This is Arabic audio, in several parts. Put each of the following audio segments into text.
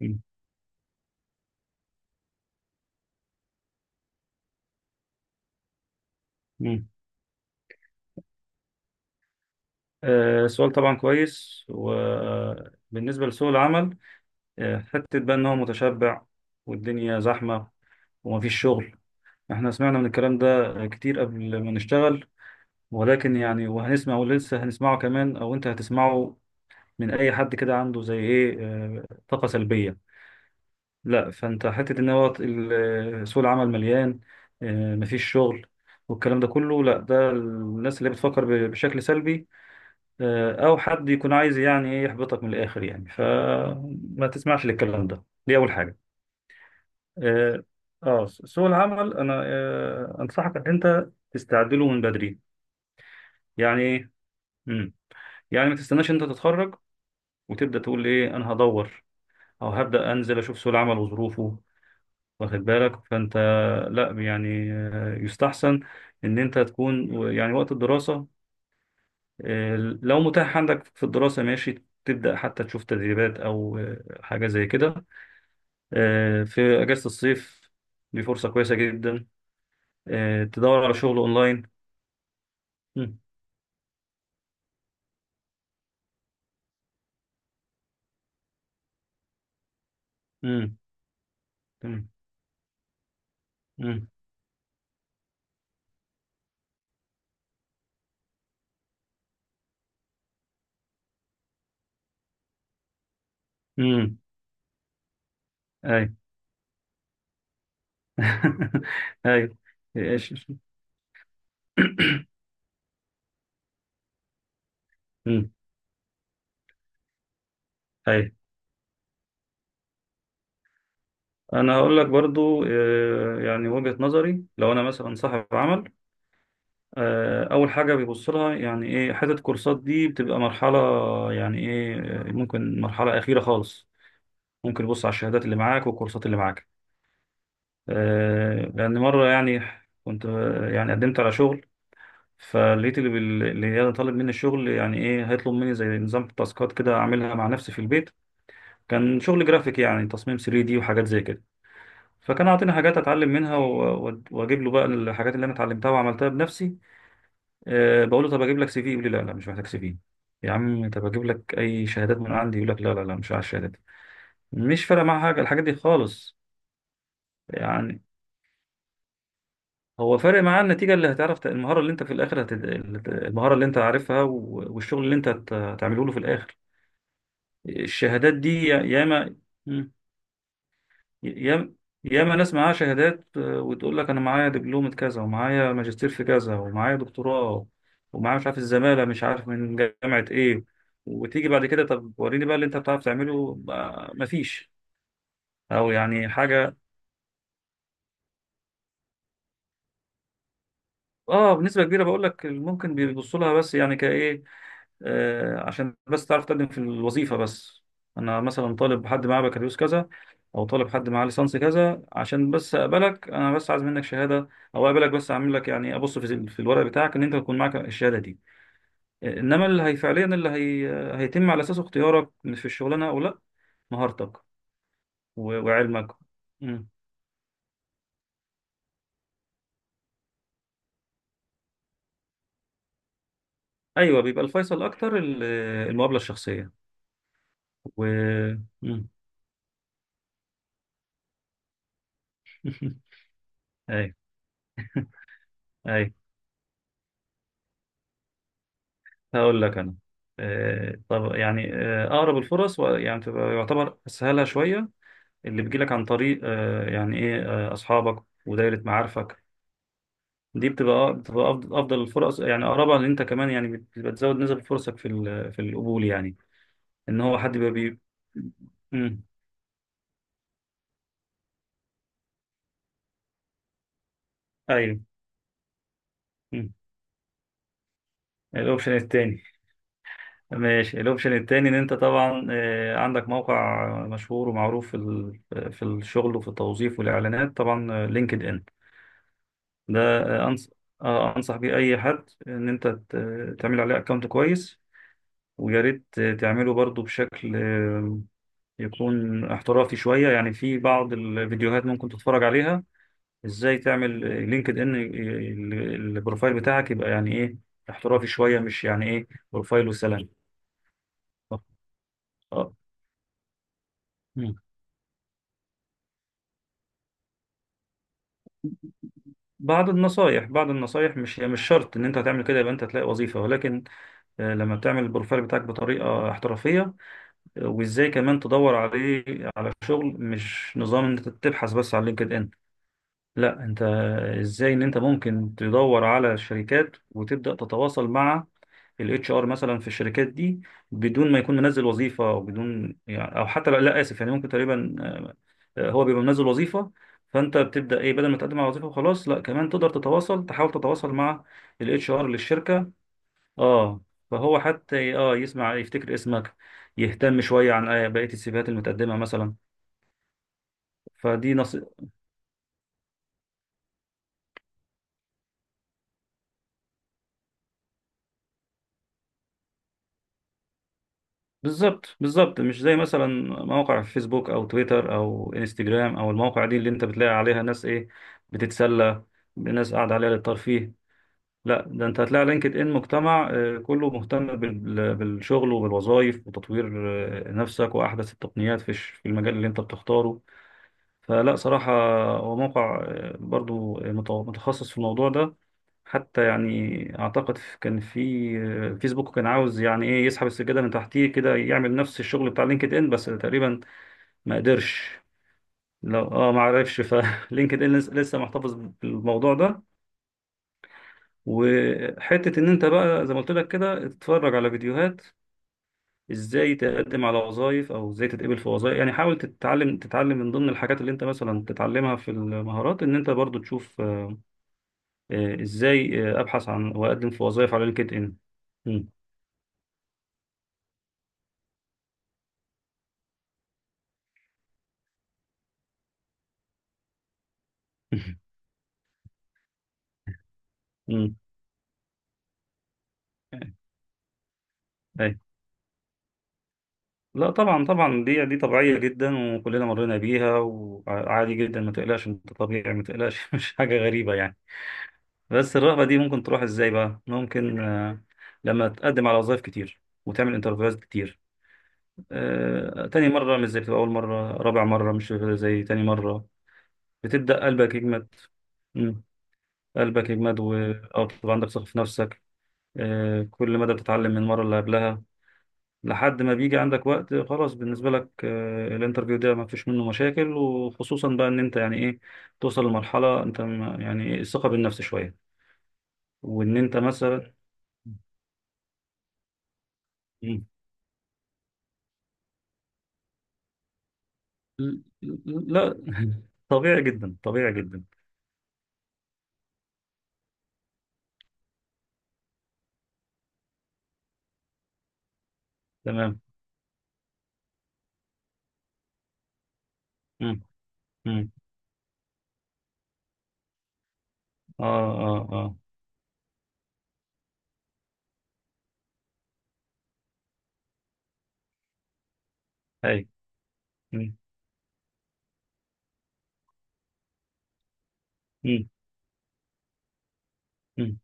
مم. مم. سؤال طبعا كويس، وبالنسبة لسوق العمل حتة بقى إن هو متشبع والدنيا زحمة ومفيش شغل، إحنا سمعنا من الكلام ده كتير قبل ما نشتغل، ولكن يعني وهنسمع ولسه هنسمعه كمان، أو أنت هتسمعه من أي حد كده عنده زي إيه طاقة سلبية. لا، فأنت حتة إن هو سوق العمل مليان، مفيش شغل، والكلام ده كله. لا، ده الناس اللي بتفكر بشكل سلبي، او حد يكون عايز يعني ايه يحبطك من الاخر يعني، فما تسمعش للكلام ده، دي اول حاجه. اه. سوق العمل انا انصحك ان انت تستعد له من بدري. يعني ايه؟ مم. يعني ما تستناش انت تتخرج وتبدا تقول ايه، انا هدور او هبدا انزل اشوف سوق العمل وظروفه، واخد بالك؟ فانت لا، يعني يستحسن ان انت تكون يعني وقت الدراسه، لو متاح عندك في الدراسة ماشي، تبدأ حتى تشوف تدريبات أو حاجة زي كده. في أجازة الصيف دي فرصة كويسة جدا، تدور على شغل أونلاين. مم. مم. مم. مم. مم. أي. أي. إيش- مم. أي. أنا هقول لك برضو يعني وجهة نظري لو أنا مثلا صاحب عمل، اول حاجه بيبص لها يعني ايه، حته كورسات دي بتبقى مرحله، يعني ايه ممكن مرحله اخيره خالص، ممكن يبص على الشهادات اللي معاك والكورسات اللي معاك. لان مره يعني كنت يعني قدمت على شغل، فلقيت اللي اللي طالب مني الشغل يعني ايه هيطلب مني زي نظام تاسكات كده اعملها مع نفسي في البيت. كان شغل جرافيك، يعني تصميم 3 دي وحاجات زي كده، فكان عاطيني حاجات اتعلم منها واجيب له بقى الحاجات اللي انا اتعلمتها وعملتها بنفسي. أه، بقول له طب اجيب لك سي في، يقول لي لا لا، مش محتاج سي في. يا عم طب اجيب لك اي شهادات من عندي، يقول لك لا لا لا، مش عايز شهادات. مش فارق معاه حاجه، الحاجات دي خالص. يعني هو فارق معاه النتيجه، اللي هتعرف المهاره اللي انت في الاخر المهاره اللي انت عارفها والشغل اللي انت هتعمله له في الاخر. الشهادات دي ياما، ياما ياما ناس معاها شهادات، وتقول لك انا معايا دبلومة كذا، ومعايا ماجستير في كذا، ومعايا دكتوراه، ومعايا مش عارف الزمالة، مش عارف من جامعة ايه، وتيجي بعد كده طب وريني بقى اللي انت بتعرف تعمله. مفيش او يعني حاجة. اه، بنسبة كبيرة بقول لك ممكن بيبصوا لها، بس يعني كايه، عشان بس تعرف تقدم في الوظيفة بس. أنا مثلا طالب حد معاه بكالوريوس كذا، أو طالب حد معاه ليسانس كذا، عشان بس أقبلك، أنا بس عايز منك شهادة، أو أقبلك بس أعمل لك يعني أبص في الورق بتاعك إن أنت تكون معاك الشهادة دي، إنما اللي هي فعليا اللي هي آه، هيتم على أساسه اختيارك في الشغلانة أو لأ، مهارتك وعلمك. مم. أيوه، بيبقى الفيصل أكتر المقابلة الشخصية و... مم. أيوه، أيوه، هقول لك انا طب يعني اقرب الفرص يعني تبقى يعتبر اسهلها شويه، اللي بيجيلك عن طريق يعني ايه اصحابك ودايره معارفك، دي بتبقى افضل الفرص، يعني اقربها، ان انت كمان يعني بتبقى تزود نسب فرصك في في القبول يعني، ان هو حد بيبقى مم. ايوه. مم. الاوبشن التاني، ماشي. الاوبشن التاني ان انت طبعا عندك موقع مشهور ومعروف في في الشغل وفي التوظيف والاعلانات، طبعا لينكد ان، ده أنصح بيه أي حد إن أنت تعمل عليه أكونت كويس، ويا ريت تعمله برضو بشكل يكون احترافي شوية، يعني في بعض الفيديوهات ممكن تتفرج عليها إزاي تعمل لينكد إن البروفايل بتاعك يبقى يعني إيه احترافي شوية، مش يعني إيه بروفايل وسلام. آه، آه. مم. بعض النصايح، مش شرط إن أنت هتعمل كده يبقى أنت هتلاقي وظيفة، ولكن لما بتعمل البروفايل بتاعك بطريقة احترافية، وازاي كمان تدور عليه على شغل، مش نظام ان انت تبحث بس على لينكد ان، لا انت ازاي ان انت ممكن تدور على شركات وتبدا تتواصل مع الاتش ار مثلا في الشركات دي، بدون ما يكون منزل وظيفه، او بدون يعني، او حتى لا, لا اسف، يعني ممكن تقريبا هو بيبقى منزل وظيفه، فانت بتبدا ايه، بدل ما تقدم على وظيفه وخلاص، لا كمان تقدر تتواصل، تحاول تتواصل مع الاتش ار للشركه. اه، فهو حتى يسمع يفتكر اسمك، يهتم شوية عن بقية السيفيهات المتقدمة مثلا. فدي نص. بالظبط بالظبط، مش زي مثلا موقع فيسبوك او تويتر او انستجرام او المواقع دي اللي انت بتلاقي عليها ناس ايه، بتتسلى، ناس قاعدة عليها للترفيه. لا، ده انت هتلاقي لينكد ان مجتمع كله مهتم بالشغل وبالوظائف وتطوير نفسك واحدث التقنيات في في المجال اللي انت بتختاره. فلا صراحة هو موقع برضو متخصص في الموضوع ده. حتى يعني أعتقد كان في فيسبوك كان عاوز يعني إيه يسحب السجادة من تحتيه كده، يعمل نفس الشغل بتاع لينكد إن، بس تقريبا ما قدرش. لو ما عرفش فلينكد إن لسه محتفظ بالموضوع ده. وحتة إن أنت بقى زي ما قلت لك كده تتفرج على فيديوهات ازاي تقدم على وظائف، او ازاي تتقبل في وظائف، يعني حاول تتعلم من ضمن الحاجات اللي انت مثلا تتعلمها في المهارات، ان انت برضو تشوف ازاي ابحث عن واقدم في وظائف على لينكد ان. مم. مم. أي. لا طبعا طبعا، دي طبيعيه جدا وكلنا مرينا بيها وعادي جدا، ما تقلقش انت طبيعي، ما تقلقش مش حاجه غريبه يعني. بس الرغبه دي ممكن تروح ازاي بقى؟ ممكن لما تقدم على وظائف كتير وتعمل انترفيوهات كتير، تاني مره مش زي، بتبقى اول مره، رابع مره مش زي تاني مره، بتبدا قلبك يجمد. مم. قلبك يجمد او تبقى عندك ثقه في نفسك، كل مدى بتتعلم من المرة اللي قبلها، لحد ما بيجي عندك وقت خلاص بالنسبة لك الانترفيو ده ما فيش منه مشاكل، وخصوصا بقى ان انت يعني ايه، توصل لمرحلة انت يعني إيه، الثقة بالنفس شوية، وان انت مثلا. مم. ل- لا طبيعي جدا، طبيعي جدا. تمام. مم. مم. اه، اه، اه، اي. مم. مم. مم.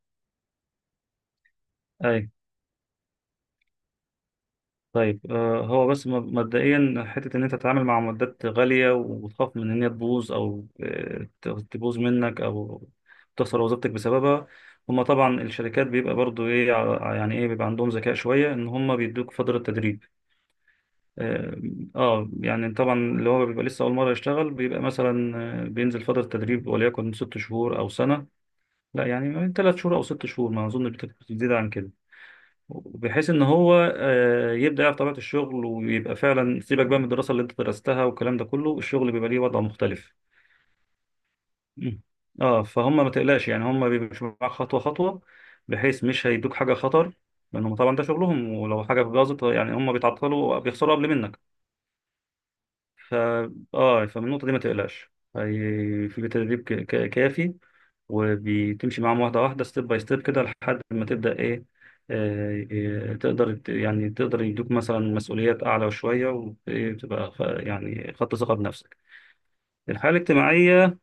طيب هو بس مبدئيا حتة إن أنت تتعامل مع معدات غالية وتخاف من إن هي تبوظ أو تبوظ منك، أو تخسر وظيفتك بسببها، هما طبعا الشركات بيبقى برضو إيه، يعني إيه بيبقى عندهم ذكاء شوية إن هما بيدوك فترة تدريب. آه يعني طبعا اللي هو بيبقى لسه أول مرة يشتغل بيبقى مثلا بينزل فترة تدريب، وليكن 6 شهور أو سنة، لا يعني من 3 شهور أو 6 شهور، ما أظن بتزيد عن كده، بحيث ان هو يبدا يعرف طبيعه الشغل ويبقى فعلا. سيبك بقى من الدراسه اللي انت درستها والكلام ده كله، الشغل بيبقى ليه وضع مختلف. مم. اه، فهم ما تقلقش، يعني هم بيمشوا معاك خطوه خطوه، بحيث مش هيدوك حاجه خطر، لانهم طبعا ده شغلهم، ولو حاجه باظت يعني هم بيتعطلوا بيخسروا قبل منك. ف اه، فمن النقطة دي ما تقلقش. في تدريب كافي، وبتمشي معاهم واحدة واحدة، ستيب باي ستيب كده، لحد ما تبدأ إيه آه، تقدر يعني تقدر يدوك مثلا مسؤوليات أعلى شوية، وتبقى يعني خدت ثقة بنفسك. الحالة الاجتماعية.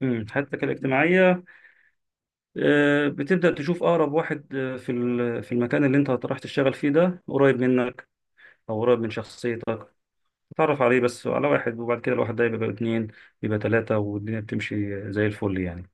حالتك الاجتماعية بتبدأ تشوف أقرب واحد في في المكان اللي أنت رايح تشتغل فيه ده قريب منك، أو قريب من شخصيتك، اتعرف عليه بس، على واحد، وبعد كده الواحد ده يبقى اتنين، يبقى تلاتة، والدنيا بتمشي زي الفل يعني.